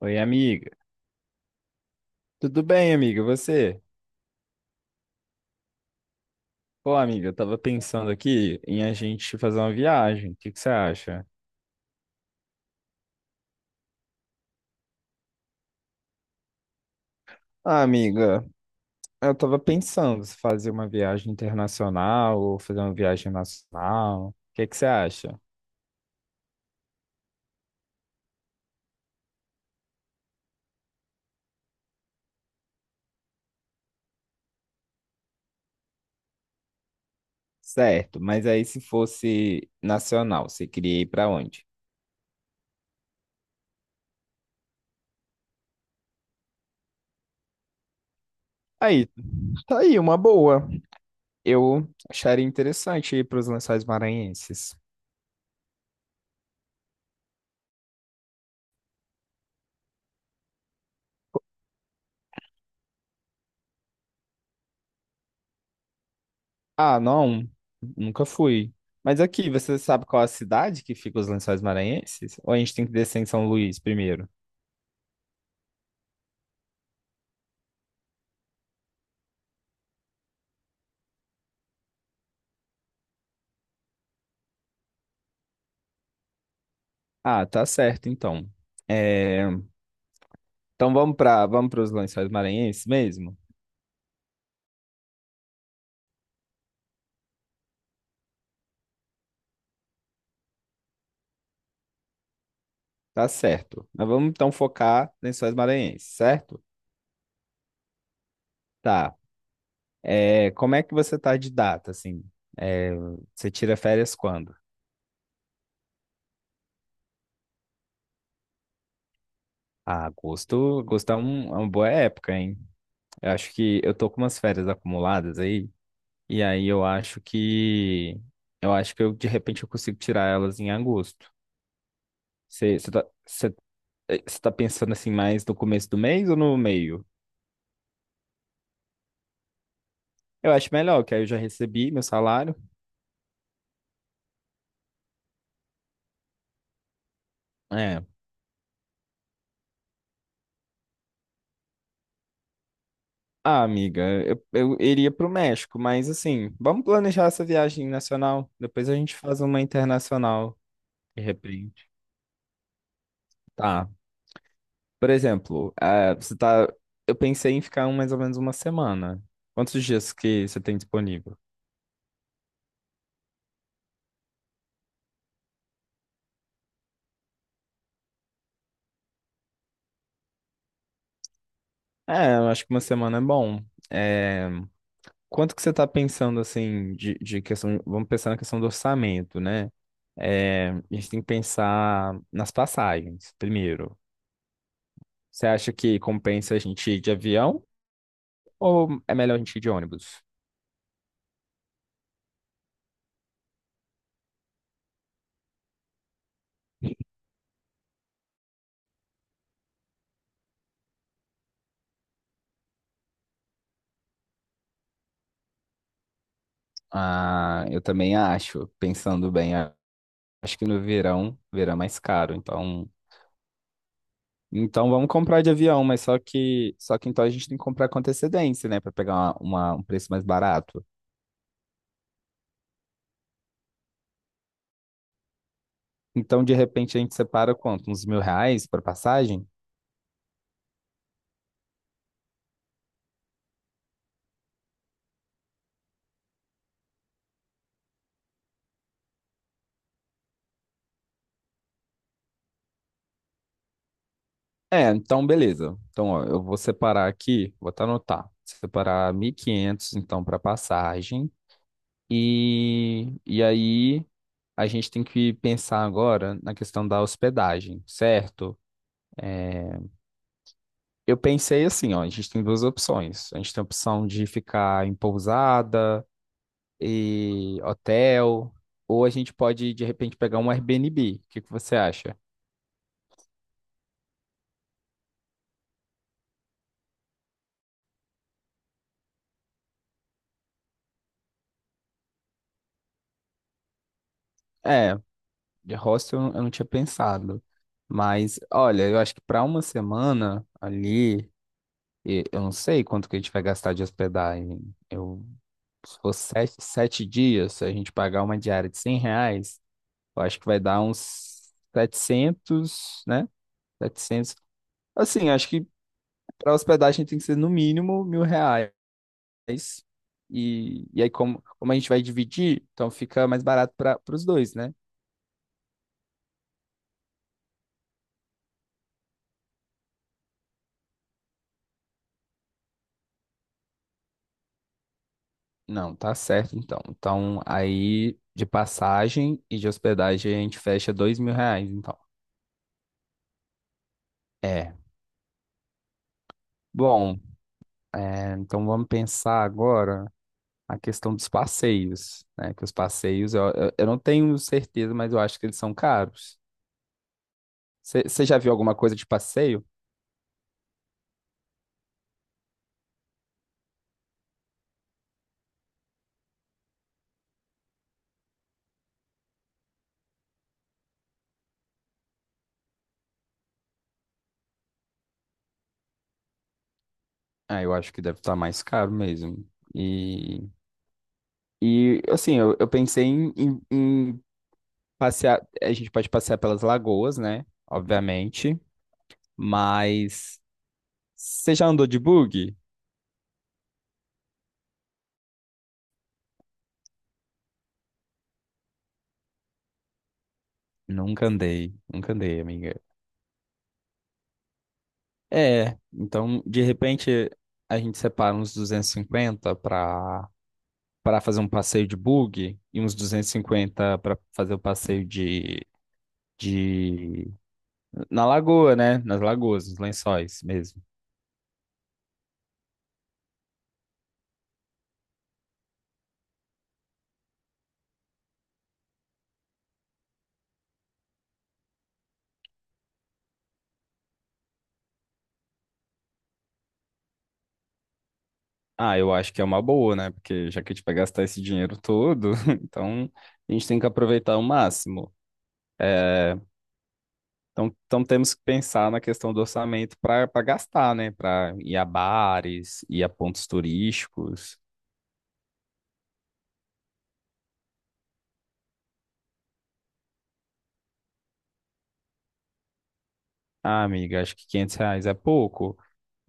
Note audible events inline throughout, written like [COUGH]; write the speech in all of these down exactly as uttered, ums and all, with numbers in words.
Oi, amiga. Tudo bem, amiga? Você? Pô, amiga, eu tava pensando aqui em a gente fazer uma viagem. O que que você acha? Ah, amiga, eu tava pensando se fazer uma viagem internacional ou fazer uma viagem nacional. O que que você acha? Certo, mas aí se fosse nacional, você queria ir pra onde? Aí, tá aí, uma boa. Eu acharia interessante ir para os Lençóis Maranhenses. Ah, não, nunca fui. Mas aqui, você sabe qual é a cidade que fica os Lençóis Maranhenses? Ou a gente tem que descer em São Luís primeiro? Ah, tá certo, então. É, então vamos para vamos para os Lençóis Maranhenses mesmo? Tá certo. Mas vamos então focar em Lençóis Maranhenses, certo? Tá. É, como é que você tá de data, assim? É, você tira férias quando? Ah, agosto, agosto é, um- é uma boa época, hein? Eu acho que eu tô com umas férias acumuladas aí. E aí eu acho que eu acho que eu de repente eu consigo tirar elas em agosto. Você tá, cê- eh, cê tá pensando assim mais no começo do mês ou no meio? Eu acho melhor, que aí eu já recebi meu salário. É. Ah, amiga, eu, eu iria pro México, mas assim, vamos planejar essa viagem nacional. Depois a gente faz uma internacional, de repente. Tá. Por exemplo, eh, você tá. Eu pensei em ficar um- mais ou menos uma semana. Quantos dias que você tem disponível? É, eu acho que uma semana é bom. É, quanto que você está pensando, assim, de, de questão. Vamos pensar na questão do orçamento, né? É, a gente tem que pensar nas passagens, primeiro. Você acha que compensa a gente ir de avião ou é melhor a gente ir de ônibus? Ah, eu também acho, pensando bem, a- acho que no verão, verão é mais caro, então. Então vamos comprar de avião, mas só que... Só que então a gente tem que comprar com antecedência, né? Para pegar uma- uma- um preço mais barato. Então, de repente, a gente separa quanto? Uns mil reais para passagem? É, então beleza. Então, ó, eu vou separar aqui, vou até anotar. Separar mil e quinhentos então, para passagem. E, e aí, a gente tem que pensar agora na questão da hospedagem, certo? É, eu pensei assim, ó, a gente tem duas opções. A gente tem a opção de ficar em pousada e hotel, ou a gente pode, de repente, pegar um Airbnb. O que que você acha? É, de hostel eu não eu não tinha pensado. Mas, olha, eu acho que para uma semana ali, e- eu não sei quanto que a gente vai gastar de hospedagem. Eu, Se for sete, sete dias, se a gente pagar uma diária de cem reais, eu acho que vai dar uns setecentos, né? Setecentos. Assim, acho que para hospedagem tem que ser no mínimo mil reais. E, e aí, como, como a gente vai dividir, então fica mais barato para os dois, né? Não, tá certo então. Então, aí de passagem e de hospedagem a gente fecha dois mil reais, então. É. Bom, é, então vamos pensar agora a questão dos passeios, né? Que os passeios, eu, eu, eu não tenho certeza, mas eu acho que eles são caros. Você já viu alguma coisa de passeio? Ah, eu acho que deve estar mais caro mesmo. E, e assim, eu, eu pensei em, em- em passear. A gente pode passear pelas lagoas, né? Obviamente. Mas você já andou de bug? Nunca andei, nunca andei, amiga. É, então de repente a gente separa uns duzentos e cinquenta para para fazer um passeio de bug e uns duzentos e cinquenta para fazer o passeio de, de na lagoa, né? Nas lagoas, nos lençóis mesmo. Ah, eu acho que é uma boa, né? Porque já que a gente vai gastar esse dinheiro todo, [LAUGHS] então a gente tem que aproveitar o máximo. É, então, então temos que pensar na questão do orçamento para para gastar, né? Para ir a bares, ir a pontos turísticos. Ah, amiga, acho que quinhentos reais é pouco.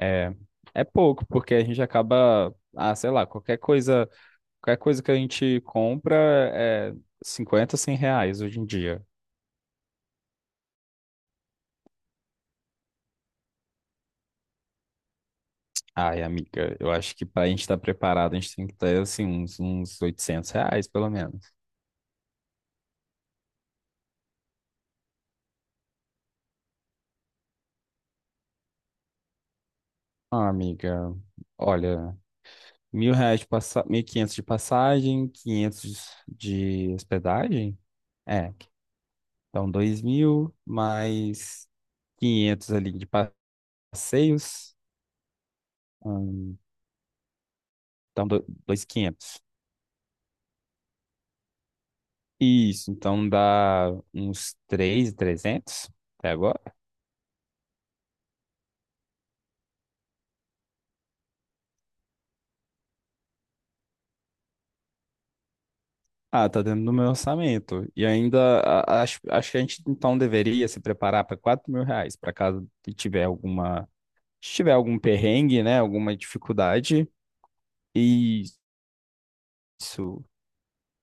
É, é pouco, porque a gente acaba, ah, sei lá, qualquer coisa, qualquer coisa que a gente compra é cinquenta, cem reais hoje em dia. Ai, amiga, eu acho que para a gente estar preparado, a gente tem que ter, assim, uns, uns oitocentos reais, pelo menos. Ah, amiga, olha, mil reais de passagem, mil e quinhentos de passagem, quinhentos de hospedagem? É, então dois mil mais quinhentos ali de passeios, hum, então do- dois mil e quinhentos. Isso, então dá uns três mil e trezentos até agora. Ah, tá dentro do meu orçamento. E ainda a- acho, acho que a gente então deveria se preparar para quatro mil reais, para caso tiver alguma, se tiver algum perrengue, né, alguma dificuldade. Isso.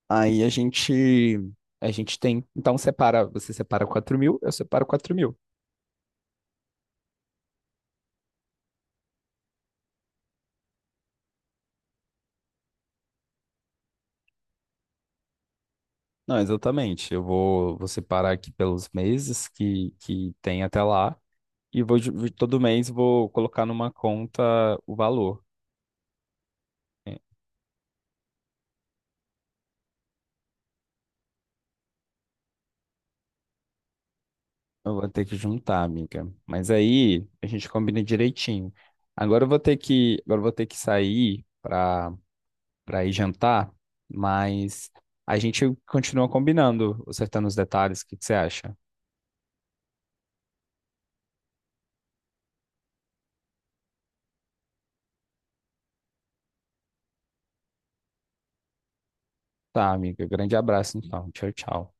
Aí a gente a gente tem, então separa, você separa quatro mil, eu separo quatro mil. Não, exatamente. Eu vou, vou separar aqui pelos meses que, que tem até lá e vou ju- todo mês vou colocar numa conta o valor. É, eu vou ter que juntar, amiga. Mas aí a gente combina direitinho. Agora eu vou ter que, agora eu vou ter que sair para para ir jantar, mas a gente continua combinando, acertando os detalhes. O que que você acha? Tá, amiga. Grande abraço, então. Tchau, tchau.